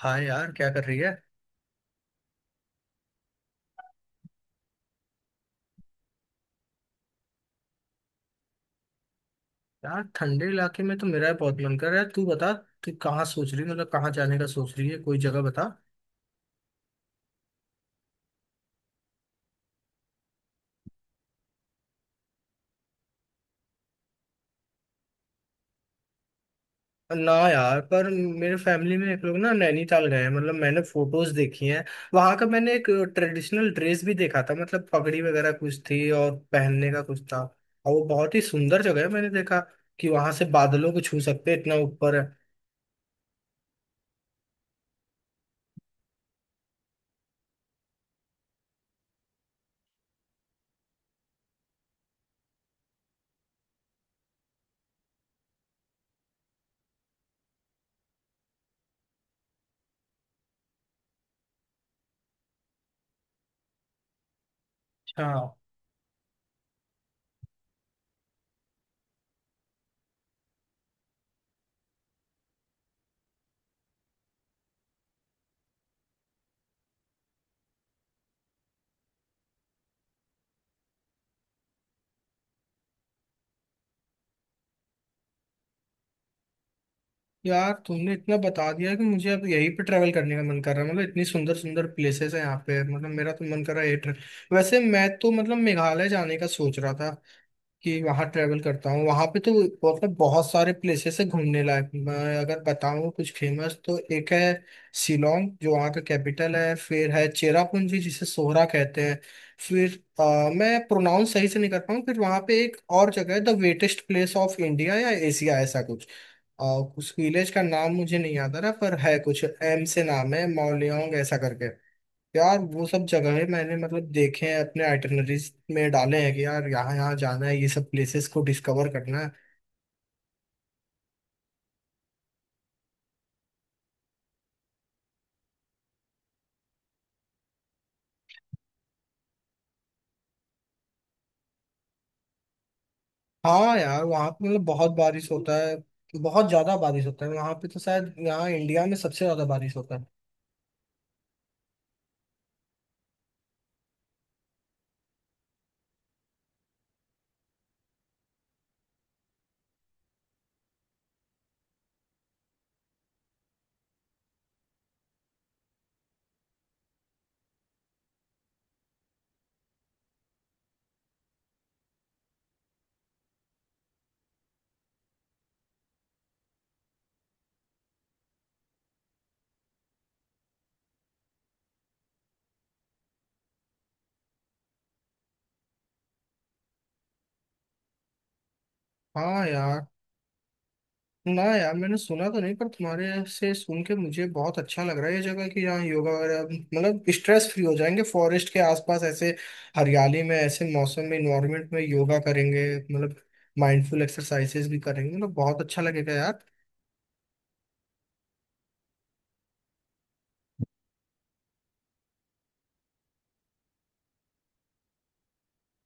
हाँ यार, क्या कर रही है। यार, ठंडे इलाके में तो मेरा भी बहुत मन कर रहा है। तू बता, तू कहाँ सोच रही है, मतलब कहाँ जाने का सोच रही है, कोई जगह बता। ना यार, पर मेरे फैमिली में एक लोग ना नैनीताल गए हैं, मतलब मैंने फोटोज देखी हैं। वहां का मैंने एक ट्रेडिशनल ड्रेस भी देखा था, मतलब पगड़ी वगैरह कुछ थी और पहनने का कुछ था। और वो बहुत ही सुंदर जगह है, मैंने देखा कि वहां से बादलों को छू सकते हैं, इतना ऊपर है। हाँ यार, तुमने इतना बता दिया कि मुझे अब यहीं पे ट्रैवल करने का मन कर रहा है। मतलब इतनी सुंदर सुंदर प्लेसेस हैं यहाँ पे, मतलब मेरा तो मन कर रहा है ये ट्रैवल। वैसे मैं तो मतलब मेघालय जाने का सोच रहा था कि वहाँ ट्रेवल करता हूँ। वहाँ पे तो मतलब बहुत सारे प्लेसेस है घूमने लायक। मैं अगर बताऊँ कुछ फेमस, तो एक है शिलोंग, जो वहाँ का कैपिटल है। फिर है चेरापूंजी, जिसे सोहरा कहते हैं। फिर मैं प्रोनाउंस सही से नहीं कर पाऊँ। फिर वहाँ पे एक और जगह है, the wettest place of India या एशिया ऐसा कुछ। अ, उस विलेज का नाम मुझे नहीं याद आ रहा, पर है कुछ एम से नाम, है मौलियोंग ऐसा करके। यार, वो सब जगहें मैंने मतलब देखे हैं, अपने आइटनरीज में डाले हैं कि यार यहाँ यहाँ जाना है, ये सब प्लेसेस को डिस्कवर करना है। हाँ यार, वहाँ पे मतलब बहुत बारिश होता है। बहुत ज्यादा बारिश होता है वहाँ पे, तो शायद यहाँ इंडिया में सबसे ज्यादा बारिश होता है। हाँ यार। ना यार, मैंने सुना तो नहीं, पर तुम्हारे से सुन के मुझे बहुत अच्छा लग रहा है ये जगह कि यहाँ योगा वगैरह, मतलब स्ट्रेस फ्री हो जाएंगे, फॉरेस्ट के आसपास, ऐसे हरियाली में, ऐसे मौसम में, इन्वायरमेंट में योगा करेंगे, मतलब माइंडफुल एक्सरसाइजेस भी करेंगे, मतलब बहुत अच्छा लगेगा यार।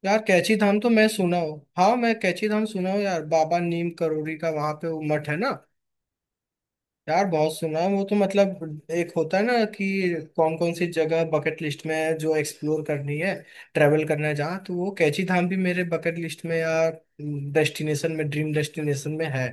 यार, कैची धाम तो मैं सुना हूँ, हाँ, मैं कैची धाम सुना हूँ यार। बाबा नीम करोरी का वहां पे वो मठ है ना। यार, बहुत सुना है वो तो। मतलब एक होता है ना कि कौन कौन सी जगह बकेट लिस्ट में है, जो एक्सप्लोर करनी है, ट्रेवल करना है जहाँ, तो वो कैची धाम भी मेरे बकेट लिस्ट में या डेस्टिनेशन में, ड्रीम डेस्टिनेशन में है।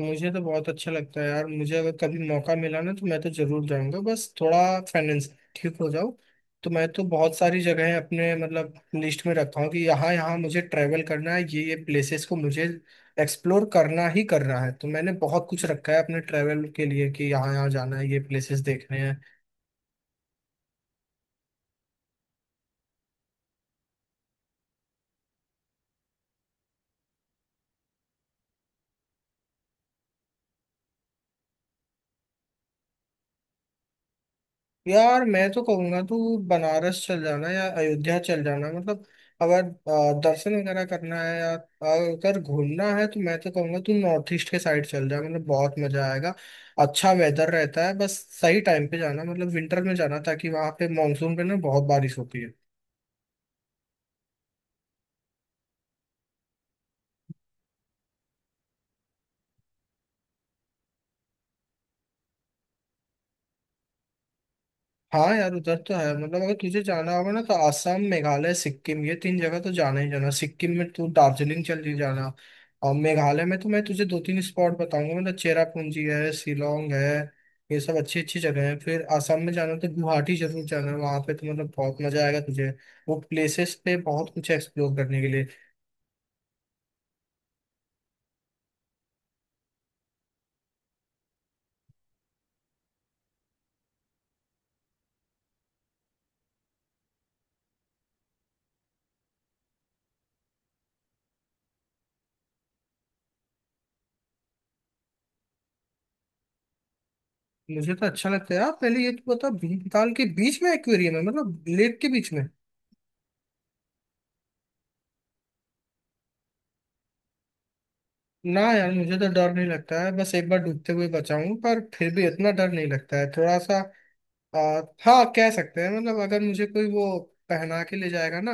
मुझे तो बहुत अच्छा लगता है यार। मुझे अगर कभी मौका मिला ना, तो मैं तो जरूर जाऊंगा, बस थोड़ा फाइनेंस ठीक हो जाओ। तो मैं तो बहुत सारी जगहें अपने मतलब लिस्ट में रखा हूँ कि यहाँ यहाँ मुझे ट्रैवल करना है, ये प्लेसेस को मुझे एक्सप्लोर करना ही करना है। तो मैंने बहुत कुछ रखा है अपने ट्रैवल के लिए कि यहाँ यहाँ जाना है, ये प्लेसेस देखने हैं। यार, मैं तो कहूंगा तू बनारस चल जाना या अयोध्या चल जाना। मतलब अगर दर्शन वगैरह करना है, या अगर घूमना है, तो मैं तो कहूंगा तू नॉर्थ ईस्ट के साइड चल जा, मतलब बहुत मजा आएगा। अच्छा वेदर रहता है, बस सही टाइम पे जाना, मतलब विंटर में जाना, ताकि वहां पे, मानसून पे ना बहुत बारिश होती है। हाँ यार, उधर तो है। मतलब अगर तुझे जाना होगा ना, तो आसाम, मेघालय, सिक्किम, ये तीन जगह तो जाना ही जाना। सिक्किम में तू दार्जिलिंग चली जाना, और मेघालय में तो मैं तुझे दो तीन स्पॉट बताऊंगा, मतलब चेरापूंजी है, शिलोंग है, ये सब अच्छी अच्छी जगह है। फिर आसाम में जाना तो गुवाहाटी जरूर जाना, वहाँ पे तो मतलब बहुत मजा आएगा तुझे। वो प्लेसेस पे बहुत कुछ एक्सप्लोर करने के लिए। मुझे तो अच्छा लगता है यार। पहले ये तू बता, भीमताल के बीच में एक्वेरियम है, मतलब लेक के बीच में? ना यार, मुझे तो डर नहीं लगता है। बस एक बार डूबते हुए बचा हूं, पर फिर भी इतना डर नहीं लगता है, थोड़ा सा हाँ, कह सकते हैं। मतलब अगर मुझे कोई वो पहना के ले जाएगा ना,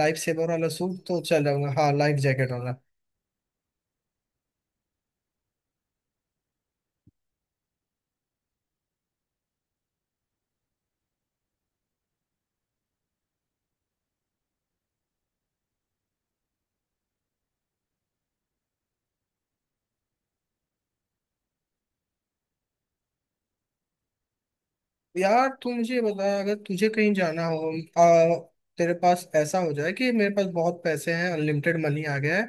लाइफ सेवर वाला सूट, तो चल जाऊंगा। हाँ, लाइफ जैकेट वाला। यार, तू मुझे बता, अगर तुझे कहीं जाना हो, आ, तेरे पास ऐसा हो जाए कि मेरे पास बहुत पैसे हैं, अनलिमिटेड मनी आ गया है,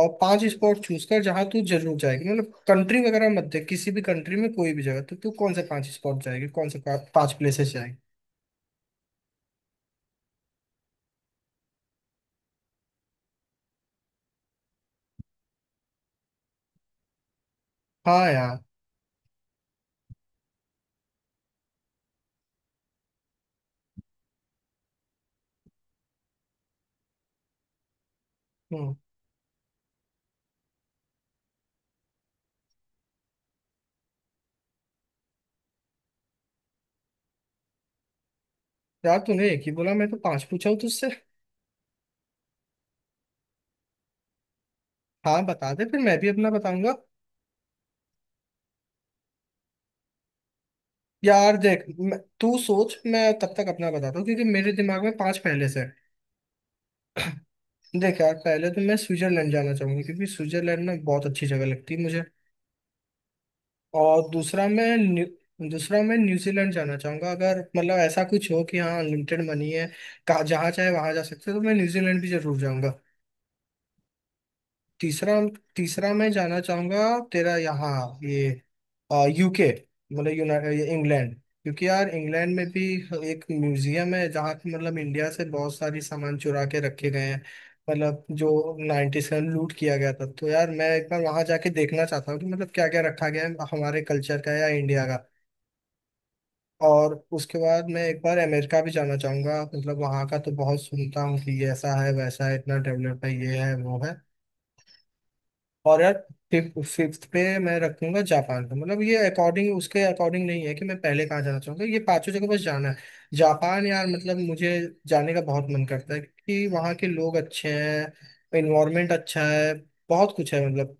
और पांच स्पॉट चूज कर जहाँ तू जरूर जाएगी। मतलब कंट्री वगैरह मत देख, किसी भी कंट्री में कोई भी जगह, तो तू कौन से पांच स्पॉट जाएगी, कौन से पांच प्लेसेस। हाँ यार। हम्म। यार तूने एक ही बोला, मैं तो पांच पूछा हूँ तुझसे। हाँ बता दे, फिर मैं भी अपना बताऊंगा। यार देख, तू सोच, मैं तब तक अपना बताता हूँ, क्योंकि मेरे दिमाग में पांच पहले से हैं। देख यार, पहले तो मैं स्विट्जरलैंड जाना चाहूंगा, क्योंकि स्विट्जरलैंड ना बहुत अच्छी जगह लगती है मुझे। और दूसरा मैं न्यूजीलैंड जाना चाहूंगा। अगर मतलब ऐसा कुछ हो कि हाँ अनलिमिटेड मनी है, कहाँ जहाँ चाहे वहां जा सकते हो, तो मैं न्यूजीलैंड भी जरूर जाऊंगा। तीसरा, तीसरा मैं जाना चाहूंगा तेरा यहाँ ये यूके, मतलब यूनाइटेड इंग्लैंड, क्योंकि यार इंग्लैंड में भी एक म्यूजियम है जहाँ पे मतलब इंडिया से बहुत सारी सामान चुरा के रखे गए हैं, मतलब जो नाइन्टीज में लूट किया गया था। तो यार मैं एक बार वहाँ जाके देखना चाहता हूँ कि मतलब क्या क्या रखा गया है हमारे कल्चर का या इंडिया का। और उसके बाद मैं एक बार अमेरिका भी जाना चाहूंगा, मतलब वहाँ का तो बहुत सुनता हूँ कि ये ऐसा है, वैसा है, इतना डेवलप है, ये है, वो है। और यार, फिफ्थ पे मैं रखूंगा जापान का। मतलब ये अकॉर्डिंग नहीं है कि मैं पहले कहाँ जाना चाहूंगा, ये पांचों जगह बस जाना है। जापान यार, मतलब मुझे जाने का बहुत मन करता है, क्योंकि वहाँ के लोग अच्छे हैं, इन्वायरमेंट अच्छा है, बहुत कुछ है मतलब।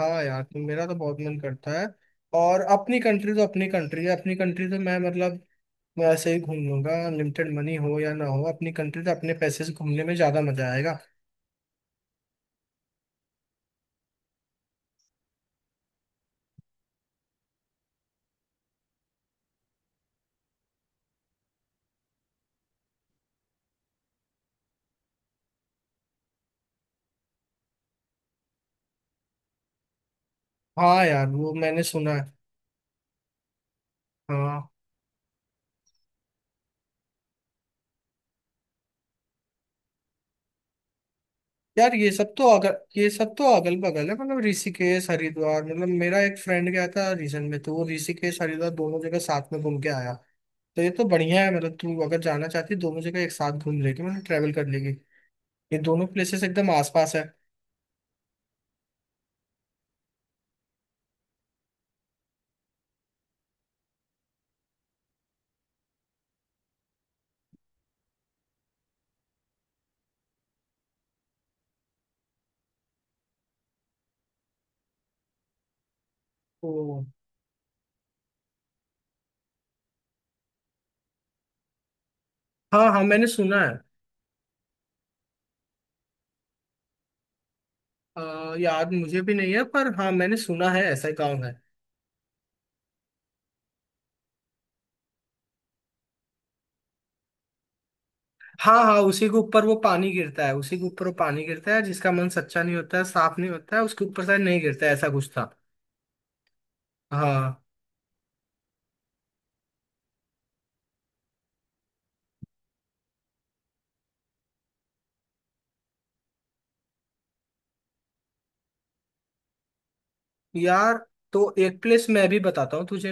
हाँ यार, तो मेरा तो बहुत मन करता है। और अपनी कंट्री तो अपनी कंट्री है, अपनी कंट्री तो मैं मतलब मैं ऐसे ही घूम लूंगा, लिमिटेड मनी हो या ना हो। अपनी कंट्री तो अपने पैसे से घूमने में ज्यादा मजा आएगा। हाँ यार, वो मैंने सुना है। हाँ यार, ये सब तो अगर ये सब तो अगल बगल है, मतलब ऋषिकेश हरिद्वार। मतलब मेरा एक फ्रेंड गया था रीसेंट में, तो वो ऋषिकेश हरिद्वार दोनों जगह साथ में घूम के आया। तो ये तो बढ़िया है, मतलब तू अगर जाना चाहती है, दोनों जगह एक साथ घूम लेगी, मतलब ट्रेवल कर लेगी। ये दोनों प्लेसेस एकदम आसपास है तो। हाँ हाँ, मैंने सुना है। याद मुझे भी नहीं है, पर हाँ, मैंने सुना है ऐसा गाँव है। हाँ हाँ, उसी के ऊपर वो पानी गिरता है, उसी के ऊपर वो पानी गिरता है, जिसका मन सच्चा नहीं होता है, साफ नहीं होता है, उसके ऊपर शायद नहीं गिरता है, ऐसा कुछ था। हाँ यार, तो एक प्लेस मैं भी बताता हूँ तुझे।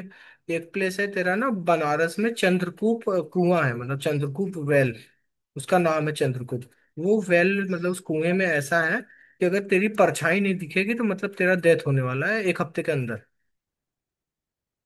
एक प्लेस है तेरा ना, बनारस में, चंद्रकूप, कुआं है, मतलब चंद्रकूप वेल। उसका नाम है चंद्रकूट। वो वेल मतलब उस कुएं में ऐसा है कि अगर तेरी परछाई नहीं दिखेगी, तो मतलब तेरा डेथ होने वाला है 1 हफ्ते के अंदर।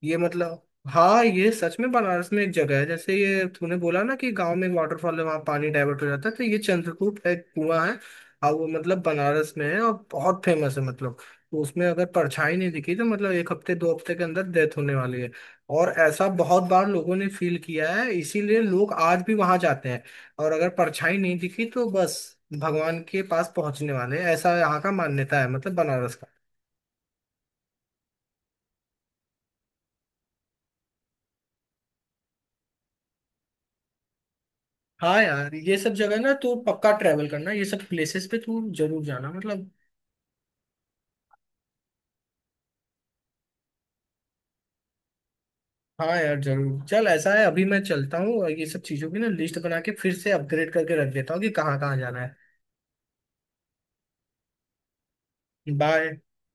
ये मतलब, हाँ, ये सच में बनारस में एक जगह है। जैसे ये तूने बोला ना कि गांव में एक वाटरफॉल है, वहां पानी डाइवर्ट हो जाता है, तो ये चंद्रकूट एक कुआं है, और वो मतलब बनारस में है, और बहुत फेमस है मतलब। तो उसमें अगर परछाई नहीं दिखी, तो मतलब एक हफ्ते 2 हफ्ते के अंदर डेथ होने वाली है। और ऐसा बहुत बार लोगों ने फील किया है, इसीलिए लोग आज भी वहां जाते हैं। और अगर परछाई नहीं दिखी, तो बस भगवान के पास पहुंचने वाले हैं। ऐसा यहाँ का मान्यता है, मतलब बनारस का। हाँ यार, ये सब जगह ना तू पक्का ट्रैवल करना, ये सब प्लेसेस पे तू जरूर जाना मतलब। हाँ यार, जरूर। चल, ऐसा है, अभी मैं चलता हूँ, और ये सब चीजों की ना लिस्ट बना के फिर से अपग्रेड करके रख देता हूँ कि कहाँ कहाँ जाना है। बाय।